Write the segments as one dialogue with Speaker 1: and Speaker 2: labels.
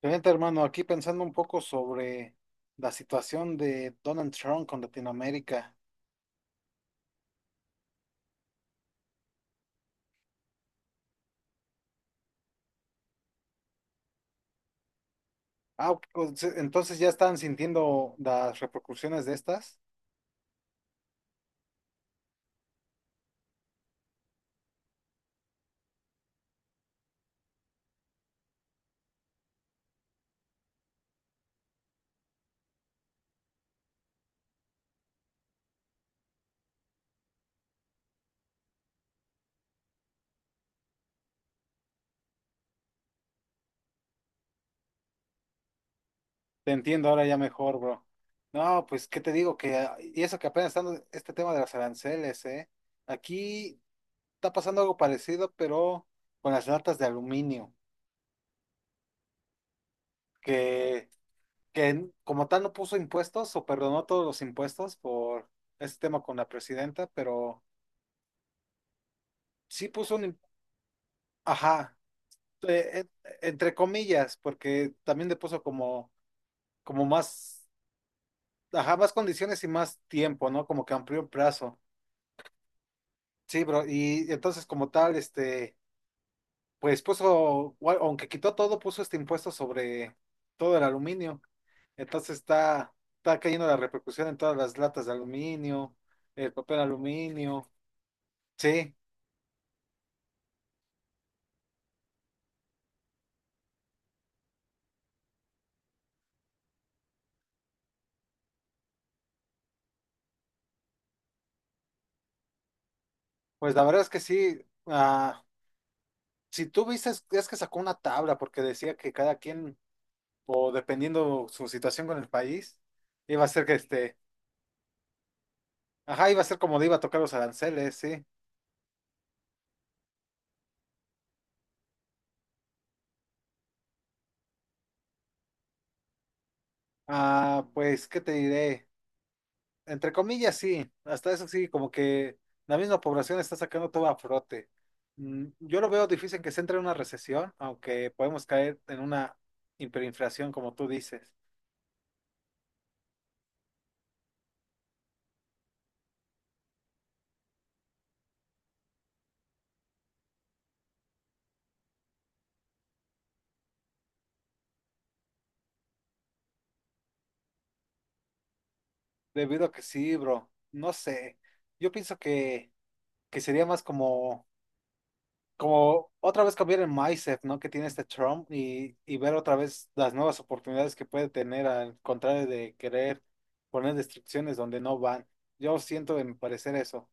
Speaker 1: Fíjate, hermano, aquí pensando un poco sobre la situación de Donald Trump con Latinoamérica. Ah, ok, pues, entonces ya están sintiendo las repercusiones de estas. Te entiendo ahora ya mejor, bro. No, pues, ¿qué te digo? Que, ah, y eso que apenas están este tema de las aranceles, ¿eh? Aquí está pasando algo parecido, pero con las latas de aluminio, que, que como tal no puso impuestos o perdonó todos los impuestos por este tema con la presidenta, pero sí puso un... im- Ajá. Entre comillas, porque también le puso como, como más, ajá, más condiciones y más tiempo, ¿no? Como que amplió el plazo. Sí, bro, y entonces como tal, este, pues puso, gua- aunque quitó todo, puso este impuesto sobre todo el aluminio. Entonces está cayendo la repercusión en todas las latas de aluminio, el papel aluminio. Sí, pues la verdad es que sí, ah, si tú viste, es que sacó una tabla porque decía que cada quien o dependiendo su situación con el país, iba a ser que este, ajá, iba a ser como le iba a tocar los aranceles, sí. Ah, pues, ¿qué te diré? Entre comillas, sí, hasta eso sí, como que la misma población está sacando todo a frote. Mm, yo lo veo difícil que se entre en una recesión, aunque podemos caer en una hiperinflación, como tú dices, debido a que sí, bro, no sé, yo pienso que sería más como como otra vez cambiar el mindset, ¿no? Que tiene este Trump y ver otra vez las nuevas oportunidades que puede tener al contrario de querer poner restricciones donde no van. Yo siento de mi parecer eso.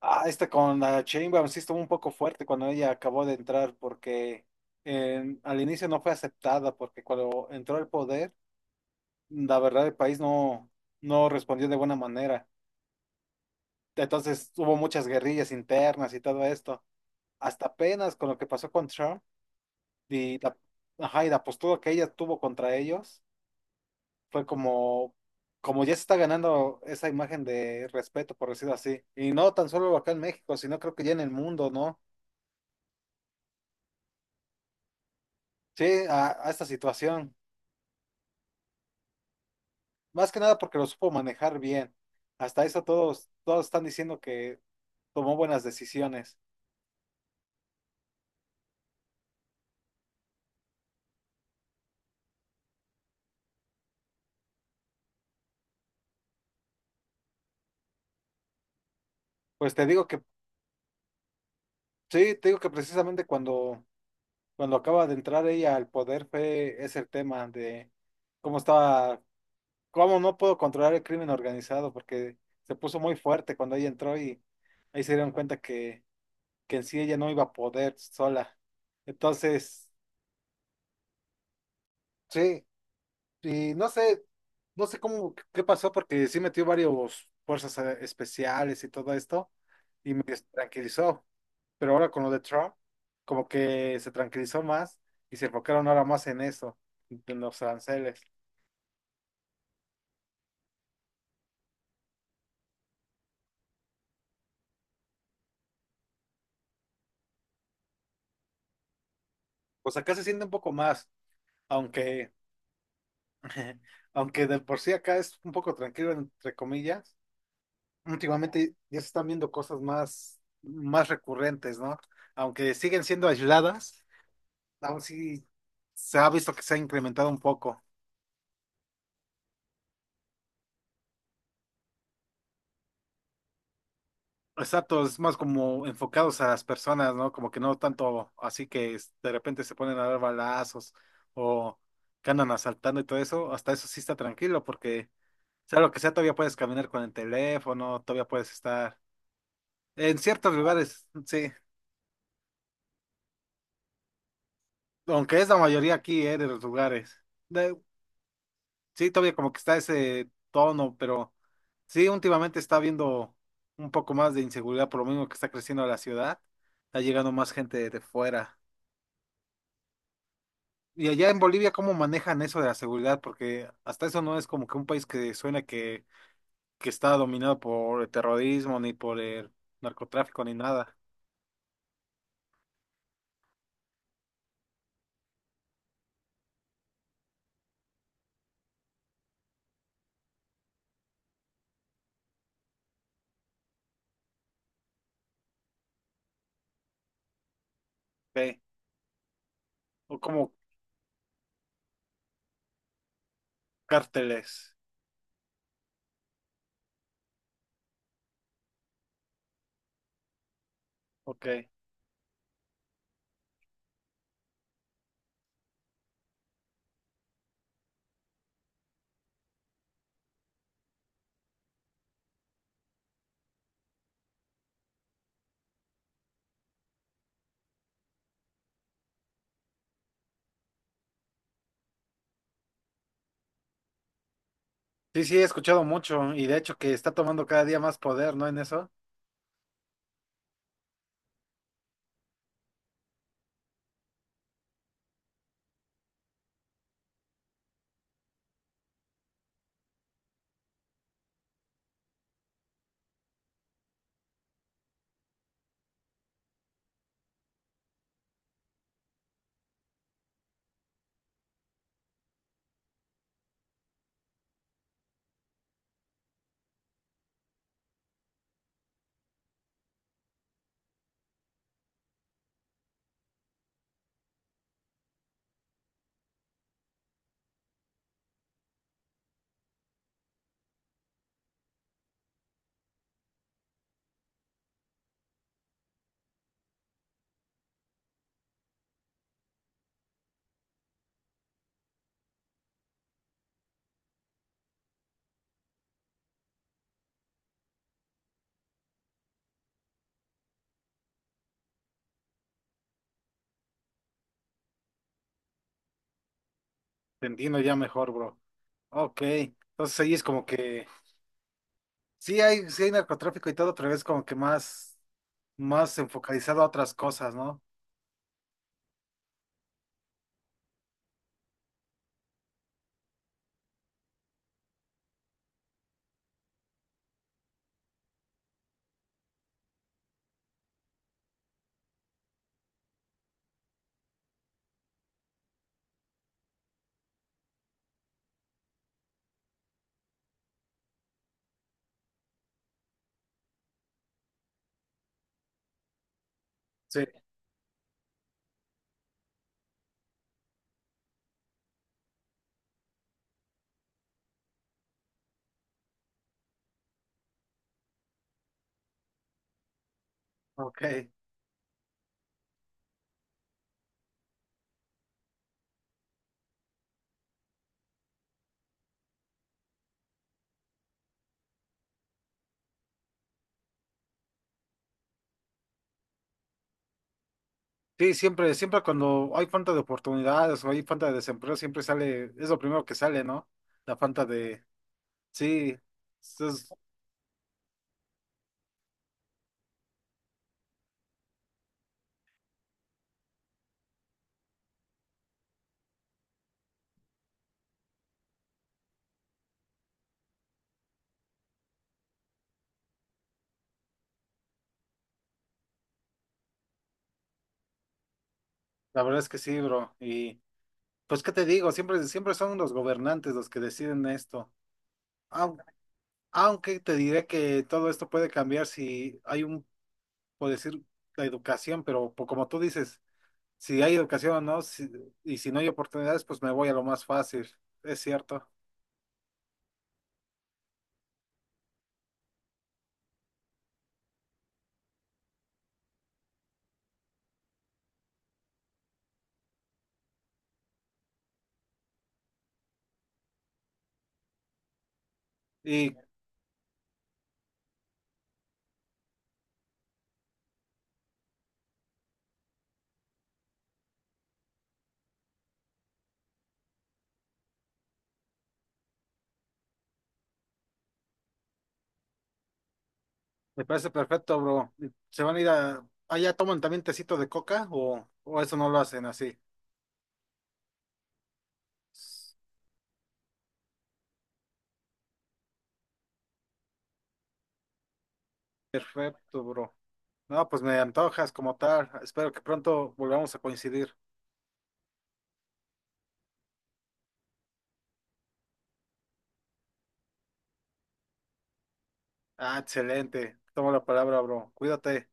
Speaker 1: Ah, esta con la Sheinbaum sí estuvo un poco fuerte cuando ella acabó de entrar porque en- al inicio no fue aceptada porque cuando entró al poder, la verdad el país no, no respondió de buena manera. Entonces hubo muchas guerrillas internas y todo esto. Hasta apenas con lo que pasó con Trump. Y la, ajá, y la postura que ella tuvo contra ellos fue como, como ya se está ganando esa imagen de respeto, por decirlo así. Y no tan solo acá en México, sino creo que ya en el mundo, ¿no? Sí, a esta situación. Más que nada porque lo supo manejar bien. Hasta eso todos, todos están diciendo que tomó buenas decisiones. Pues te digo que, sí, te digo que precisamente cuando, cuando acaba de entrar ella al poder fue ese el tema de cómo estaba. ¿Cómo no puedo controlar el crimen organizado? Porque se puso muy fuerte cuando ella entró y ahí se dieron cuenta que en sí ella no iba a poder sola. Entonces, sí, y no sé, no sé cómo, qué pasó, porque sí metió varios fuerzas especiales y todo esto, y me tranquilizó. Pero ahora con lo de Trump, como que se tranquilizó más y se enfocaron ahora más en eso, en los aranceles. O sea, acá se siente un poco más, aunque aunque de por sí acá es un poco tranquilo, entre comillas, últimamente ya se están viendo cosas más, más recurrentes, ¿no? Aunque siguen siendo aisladas, aún sí se ha visto que se ha incrementado un poco. Exacto, es más como enfocados a las personas, ¿no? Como que no tanto así que es- de repente se ponen a dar balazos o que andan asaltando y todo eso, hasta eso sí está tranquilo porque sea lo que sea, todavía puedes caminar con el teléfono, todavía puedes estar en ciertos lugares, sí. Aunque es la mayoría aquí, de los lugares. De- sí, todavía como que está ese tono, pero sí, últimamente está habiendo un poco más de inseguridad por lo mismo que está creciendo la ciudad, está llegando más gente de fuera. Y allá en Bolivia, ¿cómo manejan eso de la seguridad? Porque hasta eso no es como que un país que suena que está dominado por el terrorismo, ni por el narcotráfico, ni nada. Ok. O como cárteles. Ok. Sí, sí, he escuchado mucho y de hecho que está tomando cada día más poder, ¿no? En eso. Te entiendo ya mejor, bro. Ok, entonces ahí es como que sí hay narcotráfico y todo, pero es como que más, más enfocalizado a otras cosas, ¿no? Sí, ok. Sí, siempre, siempre cuando hay falta de oportunidades o hay falta de desempleo, siempre sale, es lo primero que sale, ¿no? La falta de, sí, eso es- la verdad es que sí, bro. Y pues, ¿qué te digo? Siempre, siempre son los gobernantes los que deciden esto. Aun- Aunque te diré que todo esto puede cambiar si hay un por decir, la educación, pero po- como tú dices, si hay educación o no, si- y si no hay oportunidades, pues me voy a lo más fácil, es cierto. Y me parece perfecto, bro. ¿Se van a ir a... allá toman también tecito de coca o eso no lo hacen así? Perfecto, bro. No, pues me antojas como tal. Espero que pronto volvamos a coincidir. Ah, excelente. Toma la palabra, bro. Cuídate.